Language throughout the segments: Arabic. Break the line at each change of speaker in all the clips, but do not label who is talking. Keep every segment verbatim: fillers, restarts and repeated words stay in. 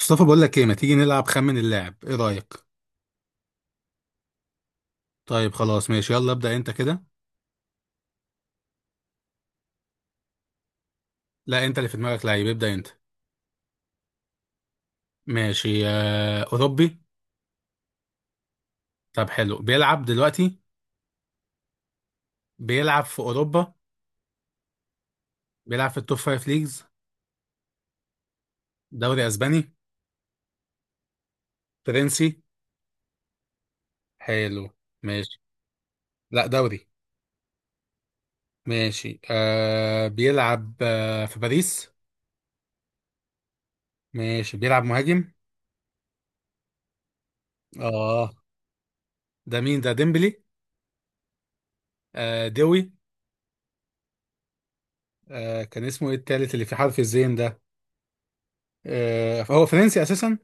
مصطفى، بقول لك ايه، ما تيجي نلعب خمن اللاعب، ايه رأيك؟ طيب خلاص ماشي، يلا ابدأ انت كده. لا، انت اللي في دماغك لعيب، ابدأ انت. ماشي. آه، اوروبي؟ طب حلو. بيلعب دلوقتي؟ بيلعب في اوروبا؟ بيلعب في التوب فايف ليجز؟ دوري اسباني؟ فرنسي؟ حلو. ماشي. لا دوري. ماشي. آه، بيلعب آه في باريس؟ ماشي. بيلعب مهاجم؟ اه. ده مين ده، ديمبلي؟ آه، دوي؟ آه، كان اسمه ايه التالت اللي في حرف الزين ده؟ آه، هو فرنسي اساسا.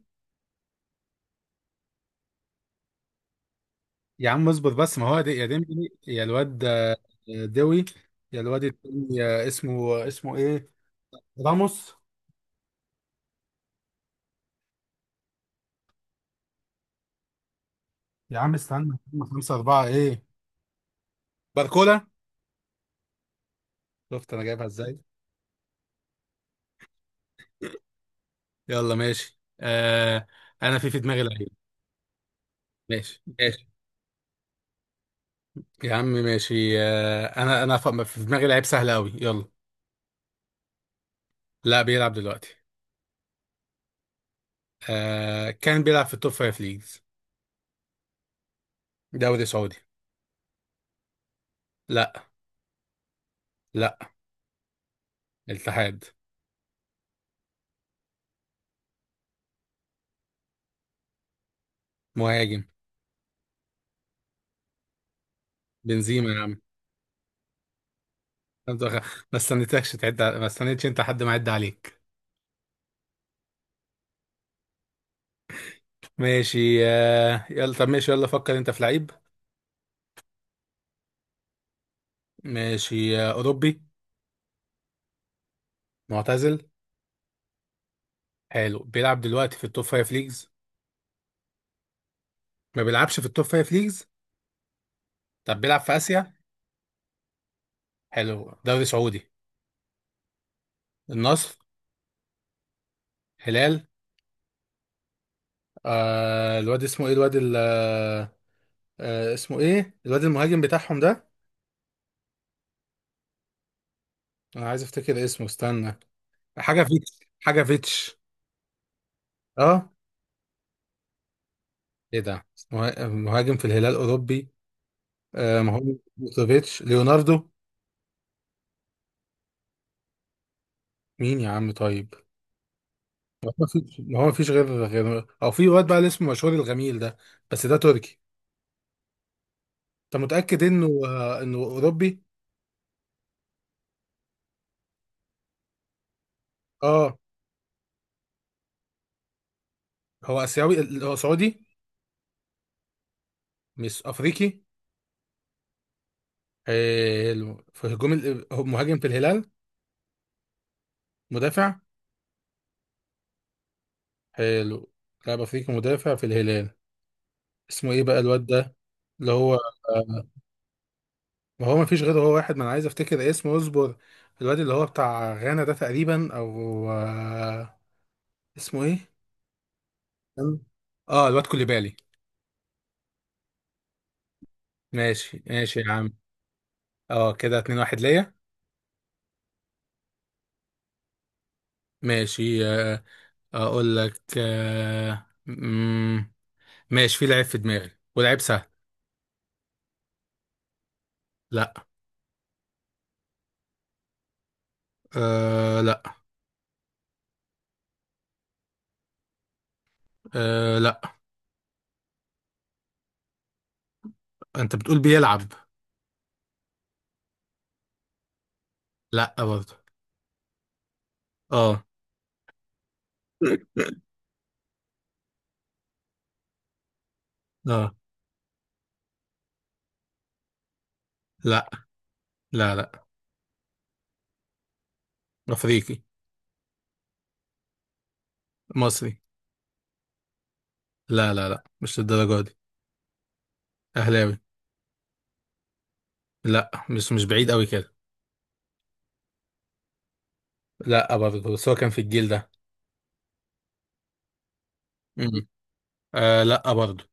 يا عم اصبر بس، ما هو دي يا ديمبلي يا الواد، آه، دوي. يا الواد التاني آه، اسمه اسمه ايه؟ راموس؟ يا عم استنى، هم خمسة أربعة ايه؟ باركولا. شفت انا جايبها ازاي. يلا ماشي آه، انا في في دماغي لعيب. ماشي ماشي. يا عم ماشي آه، انا انا ف- في دماغي لعيب سهل قوي، يلا. لا، بيلعب دلوقتي. آه، كان بيلعب في التوب فايف ليجز. دوري سعودي. لا. لا. الاتحاد. مهاجم. بنزيما يا عم. عبد الغ- ما استنيتكش تعد ع- ما استنيتش انت حد ما يعد عليك. ماشي آه، يلا طب ماشي، يلا فكر انت في لعيب. ماشي آه، اوروبي. معتزل. حلو. بيلعب دلوقتي في التوب فايف ليجز؟ ما بيلعبش في التوب فايف ليجز. طب بيلعب في اسيا. حلو. دوري سعودي. النصر. هلال. آه الواد اسمه ايه، الواد ال- آه آه، اسمه ايه الواد المهاجم بتاعهم ده؟ انا عايز افتكر اسمه، استنى. حاجه فيتش حاجه فيتش. اه. ايه ده، مه- مهاجم في الهلال اوروبي؟ آه ما هو. بوسوفيتش؟ ليوناردو؟ مين يا عم طيب؟ ما فيش، ما هو ما فيش غير، غير او في واد بقى اللي اسمه مشهور، الغميل ده، بس ده تركي. انت متأكد انه آه انه اوروبي؟ اه. هو اسيوي، ال- هو سعودي؟ مش افريقي؟ حلو. في هجوم، ال- هو مهاجم في الهلال؟ مدافع؟ حلو. لاعب افريقي مدافع في الهلال، اسمه ايه بقى الواد ده اللي هو؟ آه، ما هو ما فيش غيره، هو واحد، ما انا عايز افتكر اسمه، اصبر. الواد اللي هو بتاع غانا ده تقريبا، او آه، اسمه ايه؟ تمام؟ اه، الواد كوليبالي. ماشي ماشي يا عم. اه، كده اتنين واحد ليا. ماشي آه. اقول لك آه، مم، ماشي، في لعيب في دماغي ولعيب سهل. لا. آه لا. آه لا. انت بتقول بيلعب؟ لا برضه. اه. اه. لا. لا لا. افريقي. مصري. لا لا لا، مش للدرجه دي. اهلاوي. لا، مش مش بعيد قوي كده. لا برضه، بس هو كان في الجيل ده. مم. آه لا برضه.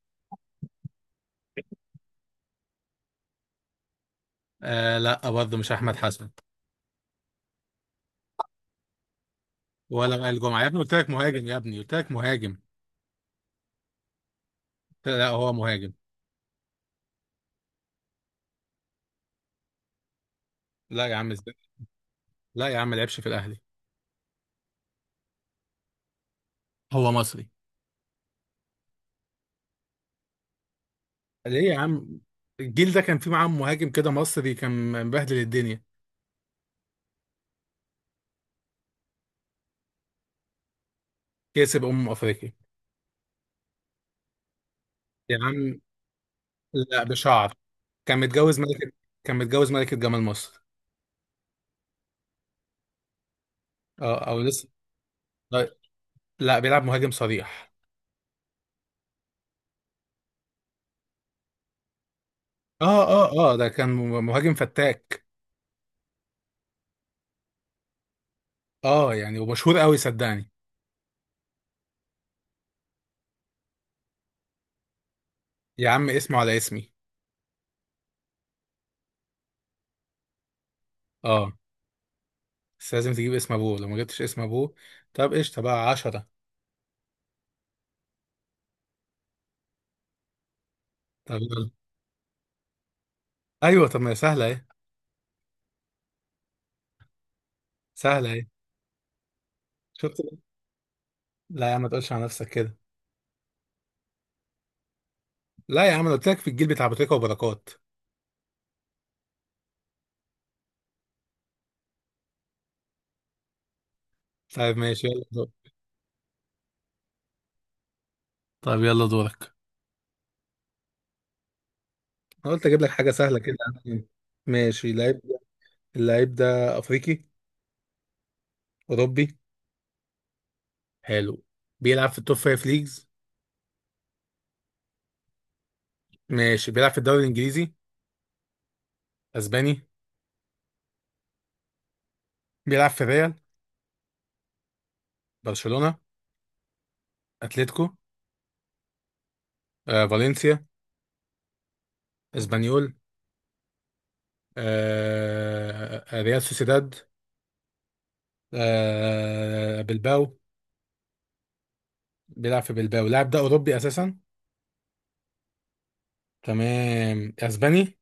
آه لا برضه، مش احمد حسن. ولا وائل جمعه يا ابني، قلت لك مهاجم يا ابني، قلت لك مهاجم. لا، هو مهاجم. لا يا عم ازاي. لا يا عم ما لعبش في الاهلي. هو مصري. ليه يا عم؟ الجيل ده كان فيه معاه مهاجم كده مصري، كان مبهدل الدنيا. كسب امم افريقيا. يا عم. لا بشعر. كان متجوز ملكه. كان متجوز ملكه جمال مصر. اه، او لسه. لا. لا، بيلعب مهاجم صريح. اه اه اه، ده كان مهاجم فتاك. اه يعني، ومشهور قوي صدقني. يا عم اسمه على اسمي. اه، بس لازم تجيب اسم ابوه، لو ما جبتش اسم ابوه طب قشطه بقى عشرة. طب يلا. ايوه، طب ما هي سهله اهي. سهله اهي. شفت. لا يا عم ما تقولش على نفسك كده. لا يا عم انا قلت لك في الجيل بتاع ابو تريكه وبركات. طيب ماشي، يلا دور. طيب يلا دورك. انا قلت اجيب لك حاجه سهله كده. ماشي. اللعيب ده اللعيب ده افريقي؟ اوروبي؟ حلو. بيلعب في التوب فايف ليجز؟ ماشي. بيلعب في الدوري الانجليزي؟ اسباني. بيلعب في ريال؟ برشلونه؟ اتلتيكو؟ آه، فالنسيا؟ اسبانيول؟ آه، آه، ريال سوسيداد؟ آه، بلباو؟ بيلعب في بلباو. اللاعب ده أوروبي أساسا. تمام أسباني.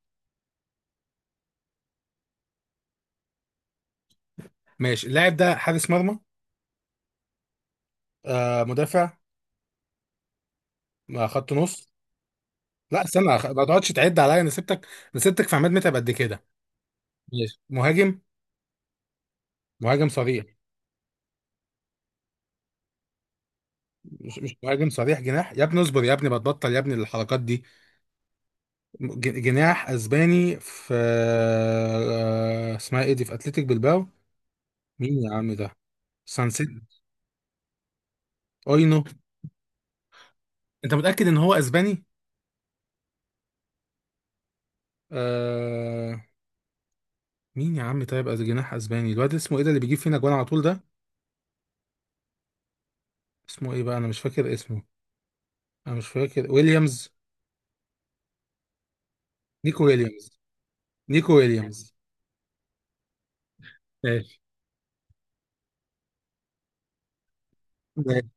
ماشي. اللاعب ده حارس مرمى؟ آه، مدافع؟ آه، خط نص؟ لا استنى، أخ- ما تقعدش تعد عليا، انا سبتك. انا سبتك في عماد متعب قد كده. ماشي. مهاجم؟ مهاجم صريح؟ مش مش مهاجم صريح، جناح يا ابني، اصبر يا ابني، ما تبطل يا ابني الحركات دي. ج- جناح اسباني في آه، اسمها ايه دي، في اتلتيك بلباو. مين يا عم ده؟ سانسيت؟ اينو؟ انت متأكد ان هو اسباني؟ آه. مين يا عم طيب، از جناح اسباني، الواد اسمه ايه ده اللي بيجيب فينا جوان على طول ده؟ اسمه ايه بقى، انا مش فاكر اسمه. انا مش فاكر، ويليامز. نيكو ويليامز. نيكو ويليامز. ماشي. ماشي.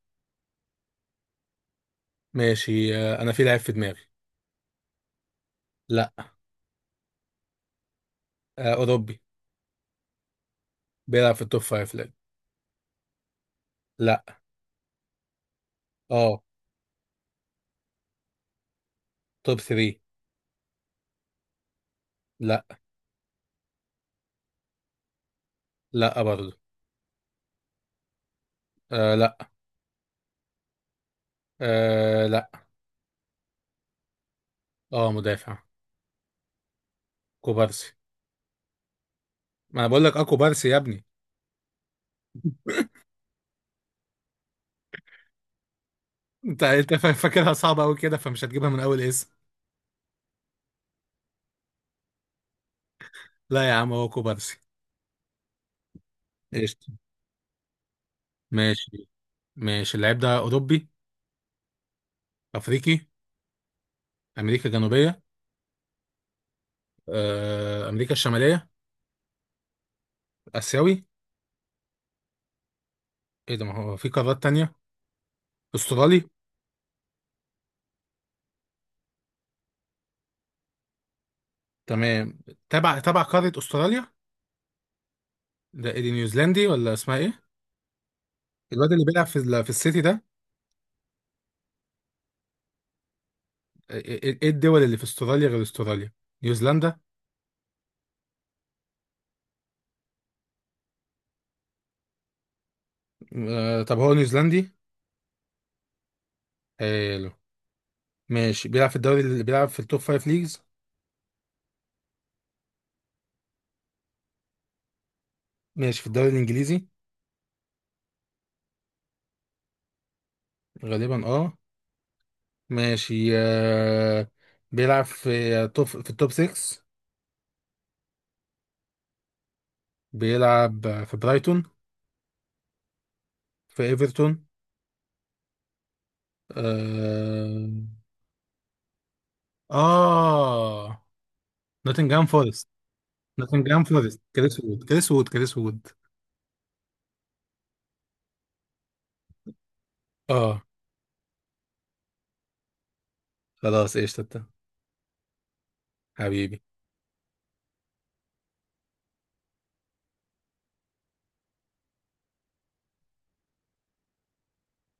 ماشي آه، انا في لعيب في دماغي. لا. آه، اوروبي. بيلعب في التوب فايف؟ لا. لا. اه، توب تلاتة. لا. لا برضه. آه لا. آه لا. اه مدافع. كوبارسي. ما انا بقول لك اه كوبارسي يا ابني. انت انت فا- فاكرها صعبه قوي كده، فمش هتجيبها من اول. لا يا عم هو كوبارسي. قشطة ماشي. ماشي. اللعيب ده أوروبي؟ أفريقي؟ أمريكا الجنوبية؟ آه، أمريكا الشمالية؟ آسيوي؟ إيه ده، ما هو في قارات تانية. أسترالي؟ تمام. تبع تبع قارة أستراليا. ده إيه دي، نيوزيلندي ولا اسمها إيه؟ الواد اللي بيلعب في ال- في السيتي ده. إيه إيه إيه، إيه الدول اللي في أستراليا غير أستراليا؟ نيوزيلندا. آه، طب هو نيوزيلندي؟ حلو. ماشي. بيلعب في الدوري اللي بيلعب في التوب فايف ليجز. ماشي. في الدوري الإنجليزي؟ غالبا أه. ماشي آه، بيلعب في توب في التوب ستة؟ بيلعب في برايتون؟ في ايفرتون؟ اه. آه. نوتنجهام فورست. نوتنجهام فورست، كريس وود، كريس وود، كريس وود. اه. خلاص ايش تتا. حبيبي